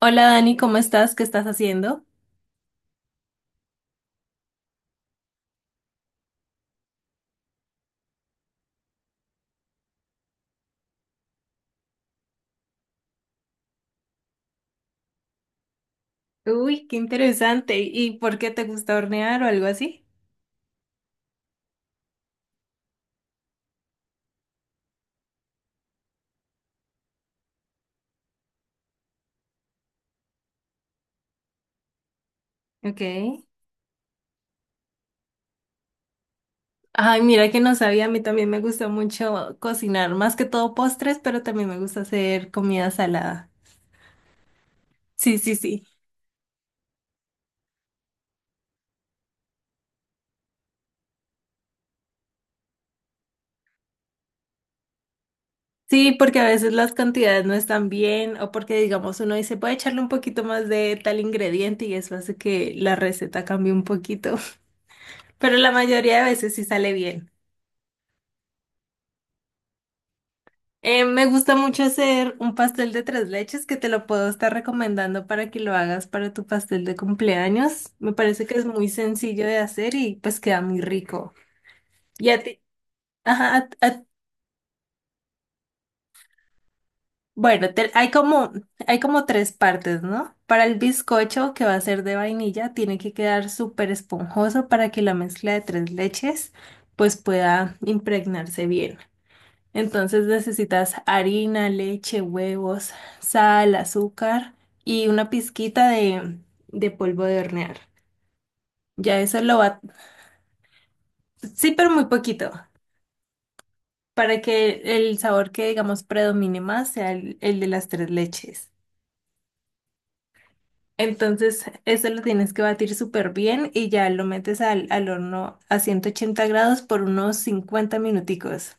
Hola Dani, ¿cómo estás? ¿Qué estás haciendo? Uy, qué interesante. ¿Y por qué te gusta hornear o algo así? Ok. Ay, mira que no sabía, a mí también me gusta mucho cocinar, más que todo postres, pero también me gusta hacer comida salada. Sí, sí, sí. Sí, porque a veces las cantidades no están bien o porque digamos uno dice, puede echarle un poquito más de tal ingrediente y eso hace que la receta cambie un poquito, pero la mayoría de veces sí sale bien. Me gusta mucho hacer un pastel de tres leches que te lo puedo estar recomendando para que lo hagas para tu pastel de cumpleaños. Me parece que es muy sencillo de hacer y pues queda muy rico. Y a ti, ajá, bueno, hay como tres partes, ¿no? Para el bizcocho que va a ser de vainilla, tiene que quedar súper esponjoso para que la mezcla de tres leches pues pueda impregnarse bien. Entonces necesitas harina, leche, huevos, sal, azúcar y una pizquita de polvo de hornear. Ya eso lo va, sí, pero muy poquito, para que el sabor que digamos predomine más sea el de las tres leches. Entonces eso lo tienes que batir súper bien y ya lo metes al horno a 180 grados por unos 50 minuticos.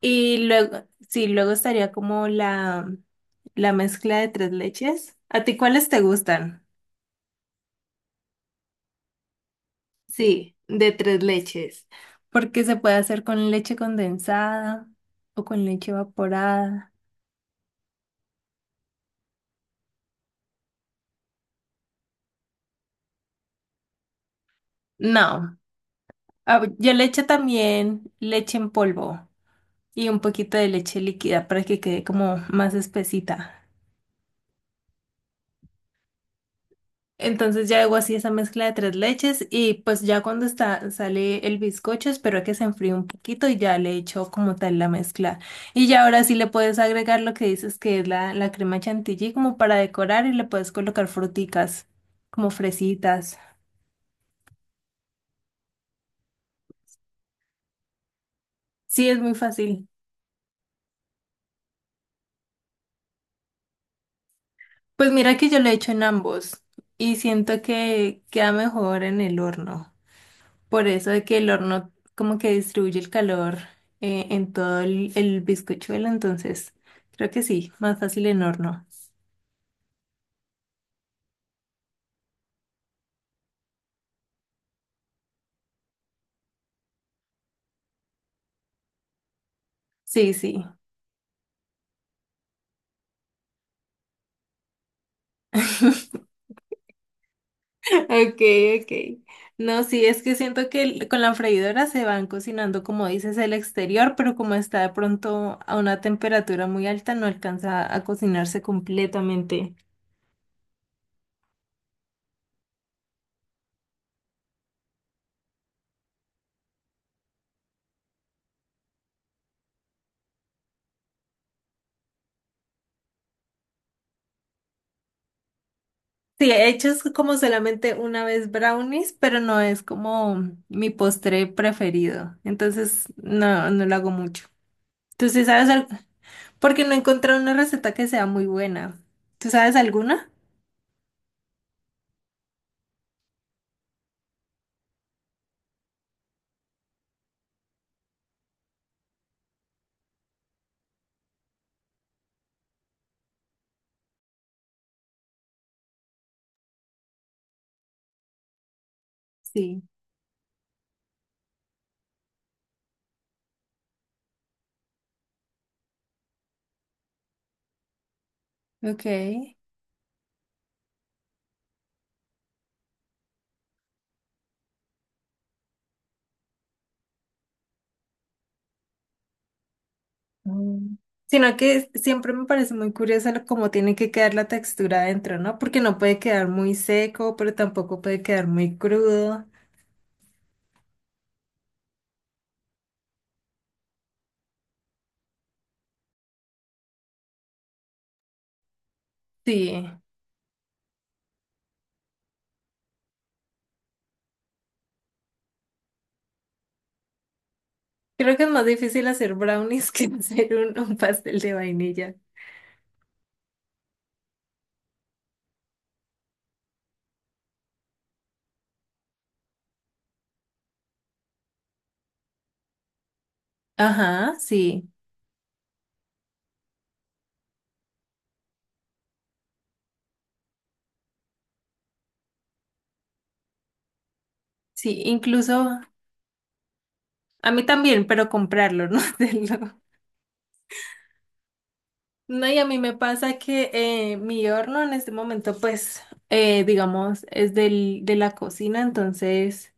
Y luego, sí, luego estaría como la mezcla de tres leches. ¿A ti cuáles te gustan? Sí, de tres leches. Porque se puede hacer con leche condensada o con leche evaporada. No, ah, yo le echo también leche en polvo y un poquito de leche líquida para que quede como más espesita. Entonces ya hago así esa mezcla de tres leches y pues ya cuando está, sale el bizcocho espero a que se enfríe un poquito y ya le echo como tal la mezcla. Y ya ahora sí le puedes agregar lo que dices que es la crema chantilly como para decorar y le puedes colocar fruticas como fresitas. Sí, es muy fácil. Pues mira que yo lo he hecho en ambos y siento que queda mejor en el horno. Por eso de que el horno como que distribuye el calor en todo el bizcochuelo, entonces creo que sí, más fácil en horno. Sí, sí. Ok, ok. No, sí, es que siento que el- con la freidora se van cocinando, como dices, el exterior, pero como está de pronto a una temperatura muy alta, no alcanza a cocinarse completamente. Sí, he hecho es como solamente una vez brownies, pero no es como mi postre preferido. Entonces, no, no lo hago mucho. ¿Tú sí sabes algo? Porque no he encontrado una receta que sea muy buena. ¿Tú sabes alguna? Sí. Ok. Mm. Sino que siempre me parece muy curioso lo- cómo tiene que quedar la textura adentro, ¿no? Porque no puede quedar muy seco, pero tampoco puede quedar muy crudo. Sí. Creo que es más difícil hacer brownies que hacer un pastel de vainilla. Ajá, sí, sí, incluso a mí también, pero comprarlo, no hacerlo. No, y a mí me pasa que mi horno en este momento, pues, digamos, es de la cocina, entonces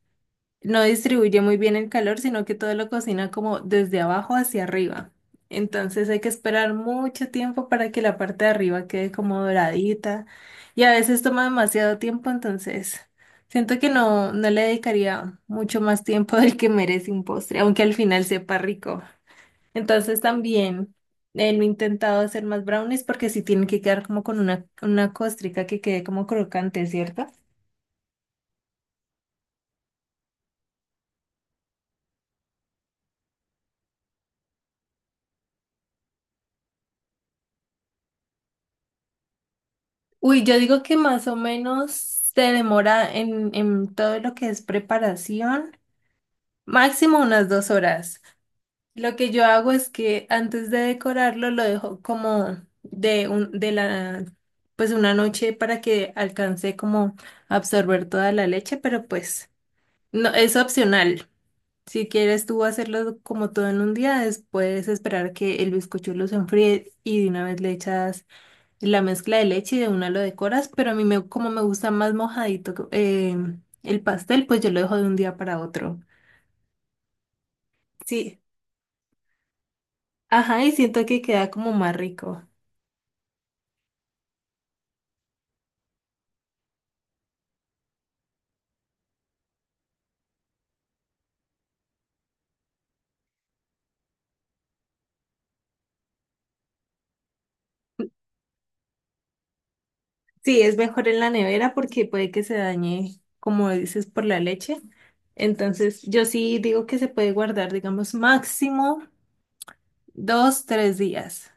no distribuye muy bien el calor, sino que todo lo cocina como desde abajo hacia arriba. Entonces hay que esperar mucho tiempo para que la parte de arriba quede como doradita y a veces toma demasiado tiempo, entonces siento que no, no le dedicaría mucho más tiempo del que merece un postre, aunque al final sepa rico. Entonces también no he intentado hacer más brownies porque sí tienen que quedar como con una costrica que quede como crocante, ¿cierto? Uy, yo digo que más o menos se demora en todo lo que es preparación, máximo unas 2 horas. Lo que yo hago es que antes de decorarlo lo dejo como de de la, pues una noche para que alcance como a absorber toda la leche, pero pues no, es opcional. Si quieres tú hacerlo como todo en un día, después esperar que el bizcochuelo se enfríe y de una vez le echas la mezcla de leche y de una lo decoras, pero a mí me, como me gusta más mojadito el pastel, pues yo lo dejo de un día para otro. Sí, ajá, y siento que queda como más rico. Sí, es mejor en la nevera porque puede que se dañe, como dices, por la leche. Entonces, yo sí digo que se puede guardar, digamos, máximo 2, 3 días.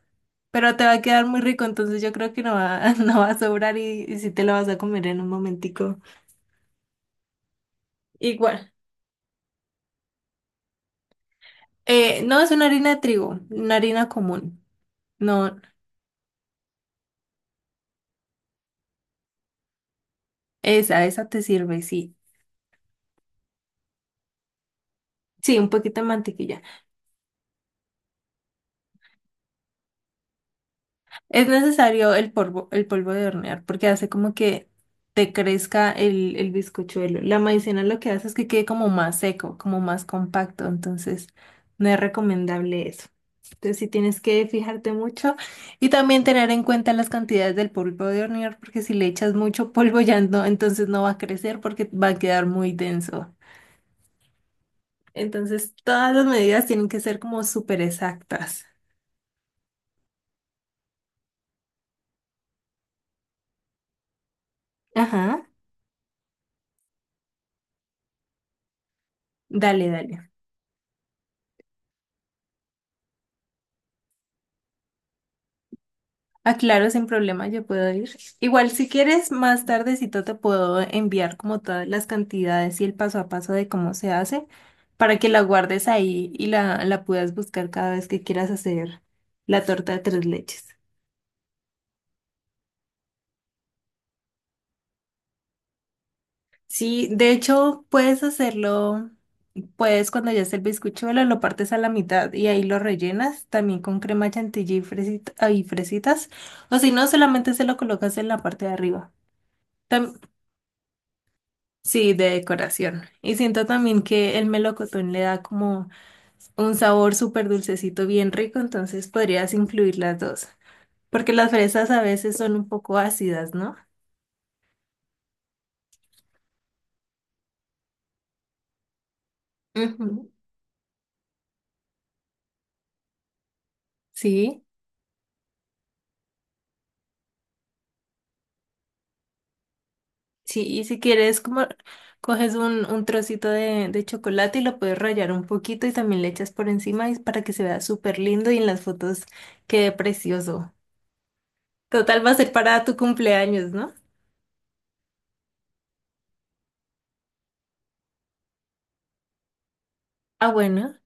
Pero te va a quedar muy rico, entonces yo creo que no va, no va a sobrar y sí te lo vas a comer en un momentico. Igual. No, es una harina de trigo, una harina común. No, esa te sirve, sí. Sí, un poquito de mantequilla. Es necesario el polvo de hornear, porque hace como que te crezca el bizcochuelo. La maicena lo que hace es que quede como más seco, como más compacto, entonces no es recomendable eso. Entonces sí tienes que fijarte mucho y también tener en cuenta las cantidades del polvo de hornear, porque si le echas mucho polvo ya no, entonces no va a crecer porque va a quedar muy denso. Entonces, todas las medidas tienen que ser como súper exactas. Ajá. Dale, dale. Aclaro sin problema, yo puedo ir. Igual, si quieres, más tardecito te puedo enviar como todas las cantidades y el paso a paso de cómo se hace para que la guardes ahí y la puedas buscar cada vez que quieras hacer la torta de tres leches. Sí, de hecho, puedes hacerlo, puedes cuando ya esté el bizcochuelo, lo partes a la mitad y ahí lo rellenas también con crema chantilly y, ay, fresitas. O si no, solamente se lo colocas en la parte de arriba. Tam- sí, de decoración. Y siento también que el melocotón le da como un sabor súper dulcecito, bien rico, entonces podrías incluir las dos. Porque las fresas a veces son un poco ácidas, ¿no? Ujú. Sí. Sí, y si quieres, como coges un trocito de chocolate y lo puedes rallar un poquito y también le echas por encima y para que se vea súper lindo y en las fotos quede precioso. Total, va a ser para tu cumpleaños, ¿no? Ah, bueno.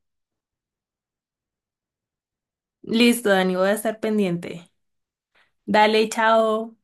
Listo, Dani, voy a estar pendiente. Dale, chao.